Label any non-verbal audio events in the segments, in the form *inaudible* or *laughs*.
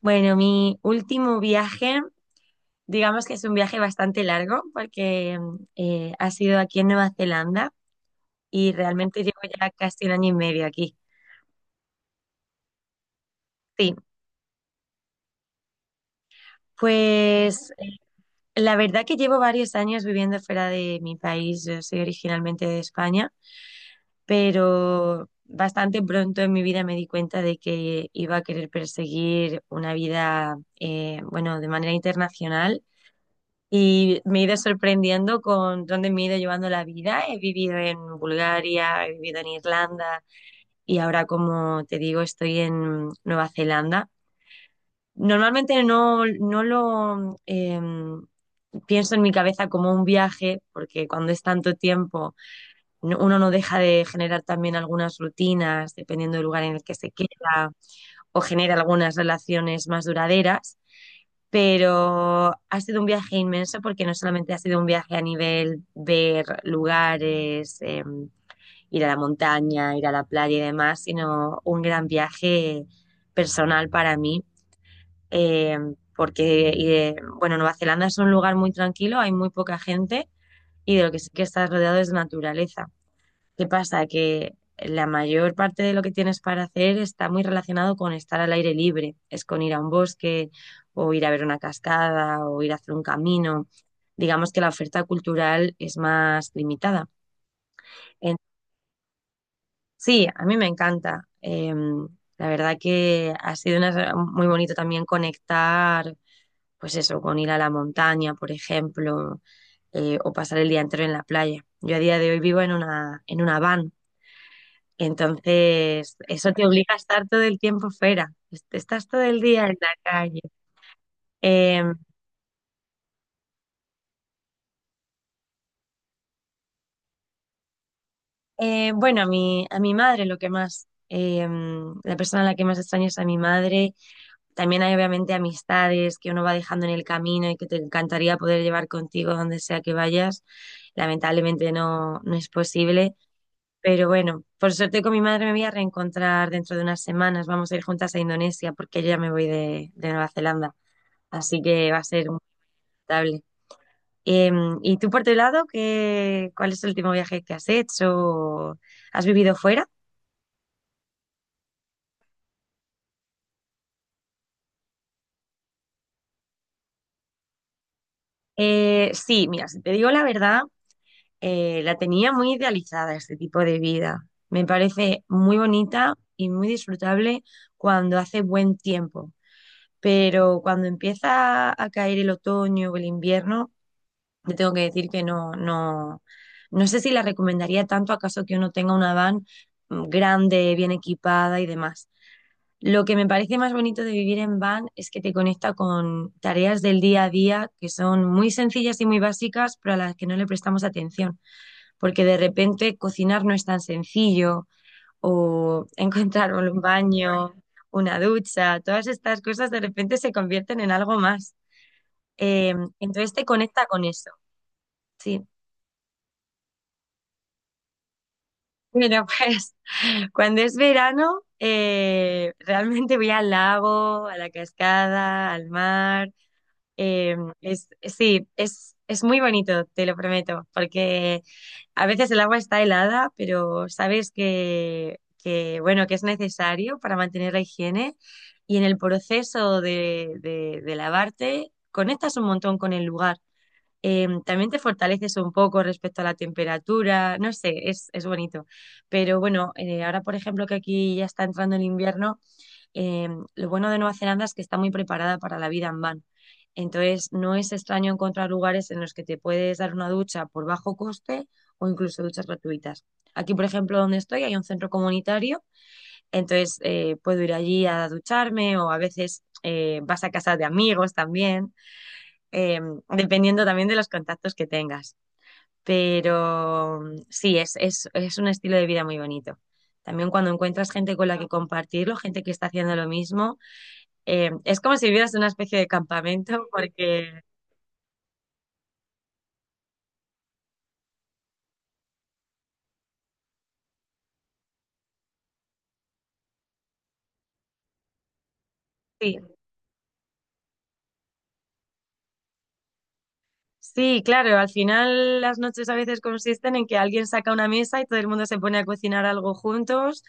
Bueno, mi último viaje, digamos que es un viaje bastante largo porque ha sido aquí en Nueva Zelanda y realmente llevo ya casi un año y medio aquí. Sí, pues la verdad que llevo varios años viviendo fuera de mi país. Yo soy originalmente de España, pero bastante pronto en mi vida me di cuenta de que iba a querer perseguir una vida, bueno, de manera internacional. Y me he ido sorprendiendo con dónde me he ido llevando la vida. He vivido en Bulgaria, he vivido en Irlanda y ahora, como te digo, estoy en Nueva Zelanda. Normalmente no lo pienso en mi cabeza como un viaje, porque cuando es tanto tiempo, uno no deja de generar también algunas rutinas, dependiendo del lugar en el que se queda, o genera algunas relaciones más duraderas, pero ha sido un viaje inmenso, porque no solamente ha sido un viaje a nivel ver lugares, ir a la montaña, ir a la playa y demás, sino un gran viaje personal para mí, eh, porque bueno, Nueva Zelanda es un lugar muy tranquilo, hay muy poca gente y de lo que sí que estás rodeado es de naturaleza. ¿Qué pasa? Que la mayor parte de lo que tienes para hacer está muy relacionado con estar al aire libre. Es con ir a un bosque o ir a ver una cascada o ir a hacer un camino. Digamos que la oferta cultural es más limitada. En- sí, a mí me encanta. La verdad que ha sido una- muy bonito también conectar, pues eso, con ir a la montaña, por ejemplo, o pasar el día entero en la playa. Yo a día de hoy vivo en una van. Entonces, eso te obliga a estar todo el tiempo fuera. Estás todo el día en la calle. Eh, bueno, a mi madre lo que más, la persona a la que más extraño es a mi madre. También hay obviamente amistades que uno va dejando en el camino y que te encantaría poder llevar contigo donde sea que vayas. Lamentablemente no, no es posible. Pero bueno, por suerte con mi madre me voy a reencontrar dentro de unas semanas. Vamos a ir juntas a Indonesia, porque yo ya me voy de Nueva Zelanda. Así que va a ser estable. ¿Y tú por tu lado, cuál es el último viaje que has hecho? ¿Has vivido fuera? Sí, mira, si te digo la verdad, la tenía muy idealizada este tipo de vida. Me parece muy bonita y muy disfrutable cuando hace buen tiempo, pero cuando empieza a caer el otoño o el invierno, te tengo que decir que no sé si la recomendaría, tanto acaso que uno tenga una van grande, bien equipada y demás. Lo que me parece más bonito de vivir en van es que te conecta con tareas del día a día que son muy sencillas y muy básicas, pero a las que no le prestamos atención, porque de repente cocinar no es tan sencillo, o *laughs* encontrar un baño, una ducha, todas estas cosas de repente se convierten en algo más. Eh, entonces te conecta con eso, sí. Bueno, pues *laughs* cuando es verano, realmente voy al lago, a la cascada, al mar. Eh, sí, es muy bonito, te lo prometo, porque a veces el agua está helada, pero sabes que, bueno, que es necesario para mantener la higiene, y en el proceso de, de lavarte conectas un montón con el lugar. También te fortaleces un poco respecto a la temperatura, no sé, es bonito. Pero bueno, ahora por ejemplo que aquí ya está entrando el invierno. Eh, lo bueno de Nueva Zelanda es que está muy preparada para la vida en van. Entonces, no es extraño encontrar lugares en los que te puedes dar una ducha por bajo coste o incluso duchas gratuitas. Aquí, por ejemplo, donde estoy, hay un centro comunitario, entonces puedo ir allí a ducharme, o a veces vas a casa de amigos también, eh, dependiendo también de los contactos que tengas. Pero sí, es un estilo de vida muy bonito. También cuando encuentras gente con la que compartirlo, gente que está haciendo lo mismo, es como si vivieras en una especie de campamento, porque sí, sí, claro, al final las noches a veces consisten en que alguien saca una mesa y todo el mundo se pone a cocinar algo juntos.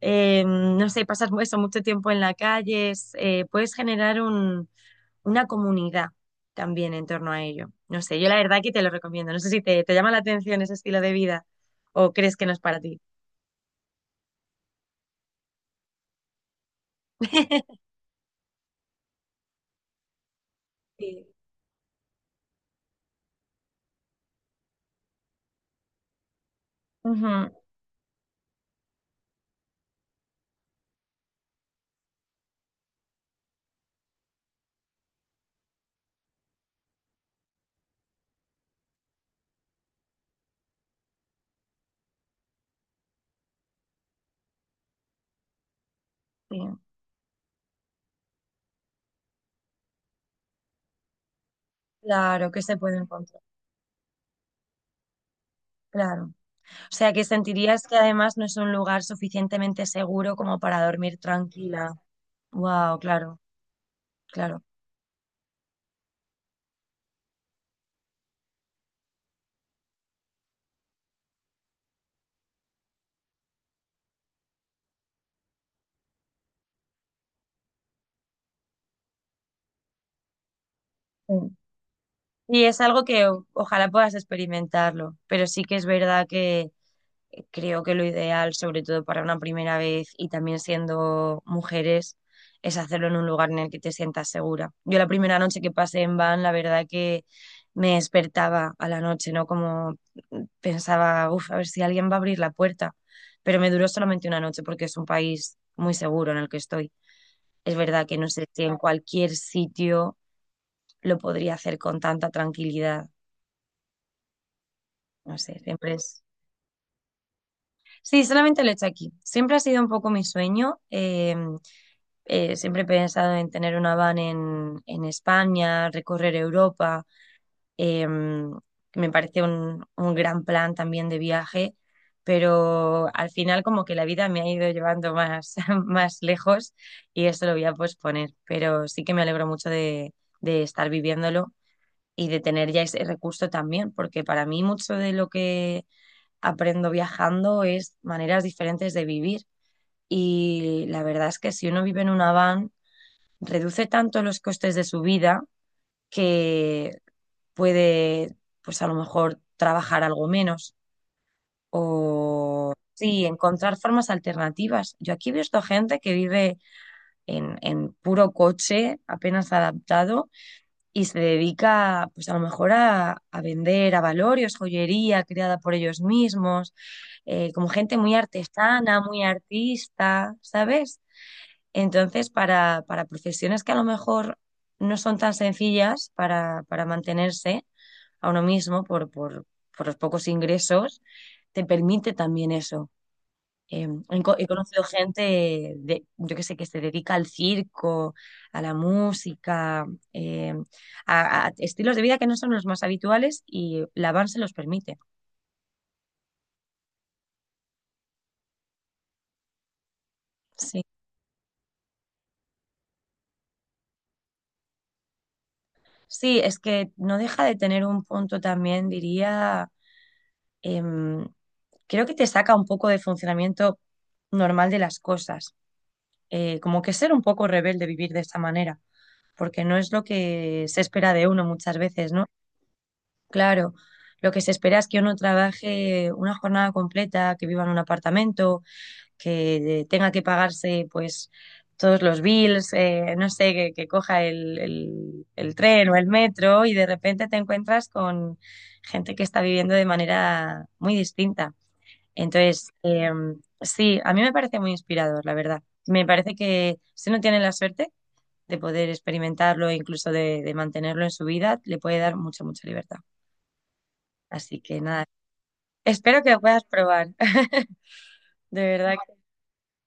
No sé, pasas eso mucho tiempo en la calle, puedes generar un- una comunidad también en torno a ello. No sé, yo la verdad que te lo recomiendo. No sé si te llama la atención ese estilo de vida o crees que no es para ti. *laughs* Sí. Ujú, sí. Claro que se puede encontrar, claro. O sea, que sentirías que además no es un lugar suficientemente seguro como para dormir tranquila. Wow, claro, claro. Mm. Y es algo que ojalá puedas experimentarlo, pero sí que es verdad que, creo que lo ideal, sobre todo para una primera vez y también siendo mujeres, es hacerlo en un lugar en el que te sientas segura. Yo la primera noche que pasé en van, la verdad que me despertaba a la noche, ¿no? Como pensaba, uff, a ver si alguien va a abrir la puerta. Pero me duró solamente una noche, porque es un país muy seguro en el que estoy. Es verdad que no sé si en cualquier sitio lo podría hacer con tanta tranquilidad. No sé, siempre es... Sí, solamente lo he hecho aquí. Siempre ha sido un poco mi sueño. Siempre he pensado en tener una van en España, recorrer Europa, em, que me parece un gran plan también de viaje, pero al final como que la vida me ha ido llevando más, *laughs* más lejos, y eso lo voy a posponer, pero sí que me alegro mucho de estar viviéndolo y de tener ya ese recurso también, porque para mí mucho de lo que aprendo viajando es maneras diferentes de vivir. Y la verdad es que si uno vive en una van, reduce tanto los costes de su vida que puede, pues a lo mejor, trabajar algo menos o, sí, encontrar formas alternativas. Yo aquí he visto gente que vive en puro coche, apenas adaptado, y se dedica, pues a lo mejor, a vender avalorios, joyería creada por ellos mismos, como gente muy artesana, muy artista, ¿sabes? Entonces, para profesiones que a lo mejor no son tan sencillas para mantenerse a uno mismo por, por los pocos ingresos, te permite también eso. He conocido gente de, yo que sé, que se dedica al circo, a la música, eh, a estilos de vida que no son los más habituales, y la van se los permite. Sí. Sí, es que no deja de tener un punto también, diría, em, creo que te saca un poco de funcionamiento normal de las cosas. Como que ser un poco rebelde vivir de esta manera, porque no es lo que se espera de uno muchas veces, ¿no? Claro, lo que se espera es que uno trabaje una jornada completa, que viva en un apartamento, que tenga que pagarse pues todos los bills, no sé, que coja el, el tren o el metro, y de repente te encuentras con gente que está viviendo de manera muy distinta. Entonces, sí, a mí me parece muy inspirador, la verdad. Me parece que si uno tiene la suerte de poder experimentarlo e incluso de mantenerlo en su vida, le puede dar mucha, mucha libertad. Así que nada, espero que lo puedas probar. *laughs* De verdad que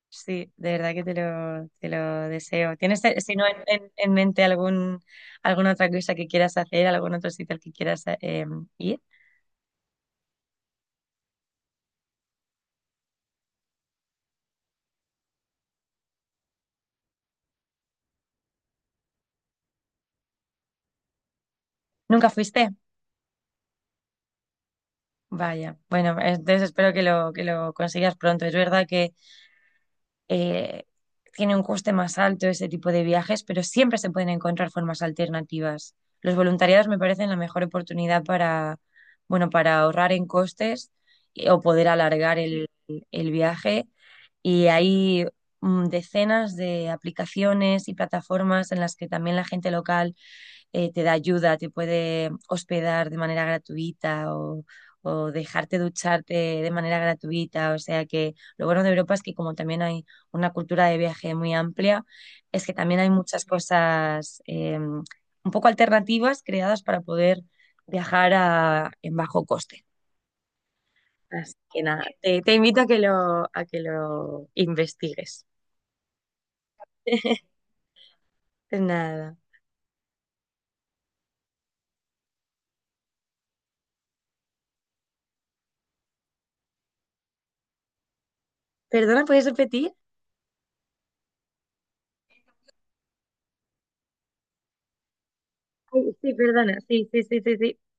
sí, de verdad que te lo deseo. ¿Tienes, si no, en, en mente alguna otra cosa que quieras hacer, algún otro sitio al que quieras ir? ¿Nunca fuiste? Vaya, bueno, entonces espero que lo consigas pronto. Es verdad que eh, tiene un coste más alto ese tipo de viajes, pero siempre se pueden encontrar formas alternativas. Los voluntariados me parecen la mejor oportunidad para, bueno, para ahorrar en costes, o poder alargar el viaje. Y hay decenas de aplicaciones y plataformas en las que también la gente local te da ayuda, te puede hospedar de manera gratuita o dejarte ducharte de manera gratuita. O sea que lo bueno de Europa es que como también hay una cultura de viaje muy amplia, es que también hay muchas cosas un poco alternativas creadas para poder viajar en bajo coste. Así que nada, te invito a que lo investigues. *laughs* Nada. ¿Perdona, puedes repetir? Ay, sí, perdona. Sí, sí, sí, sí, sí.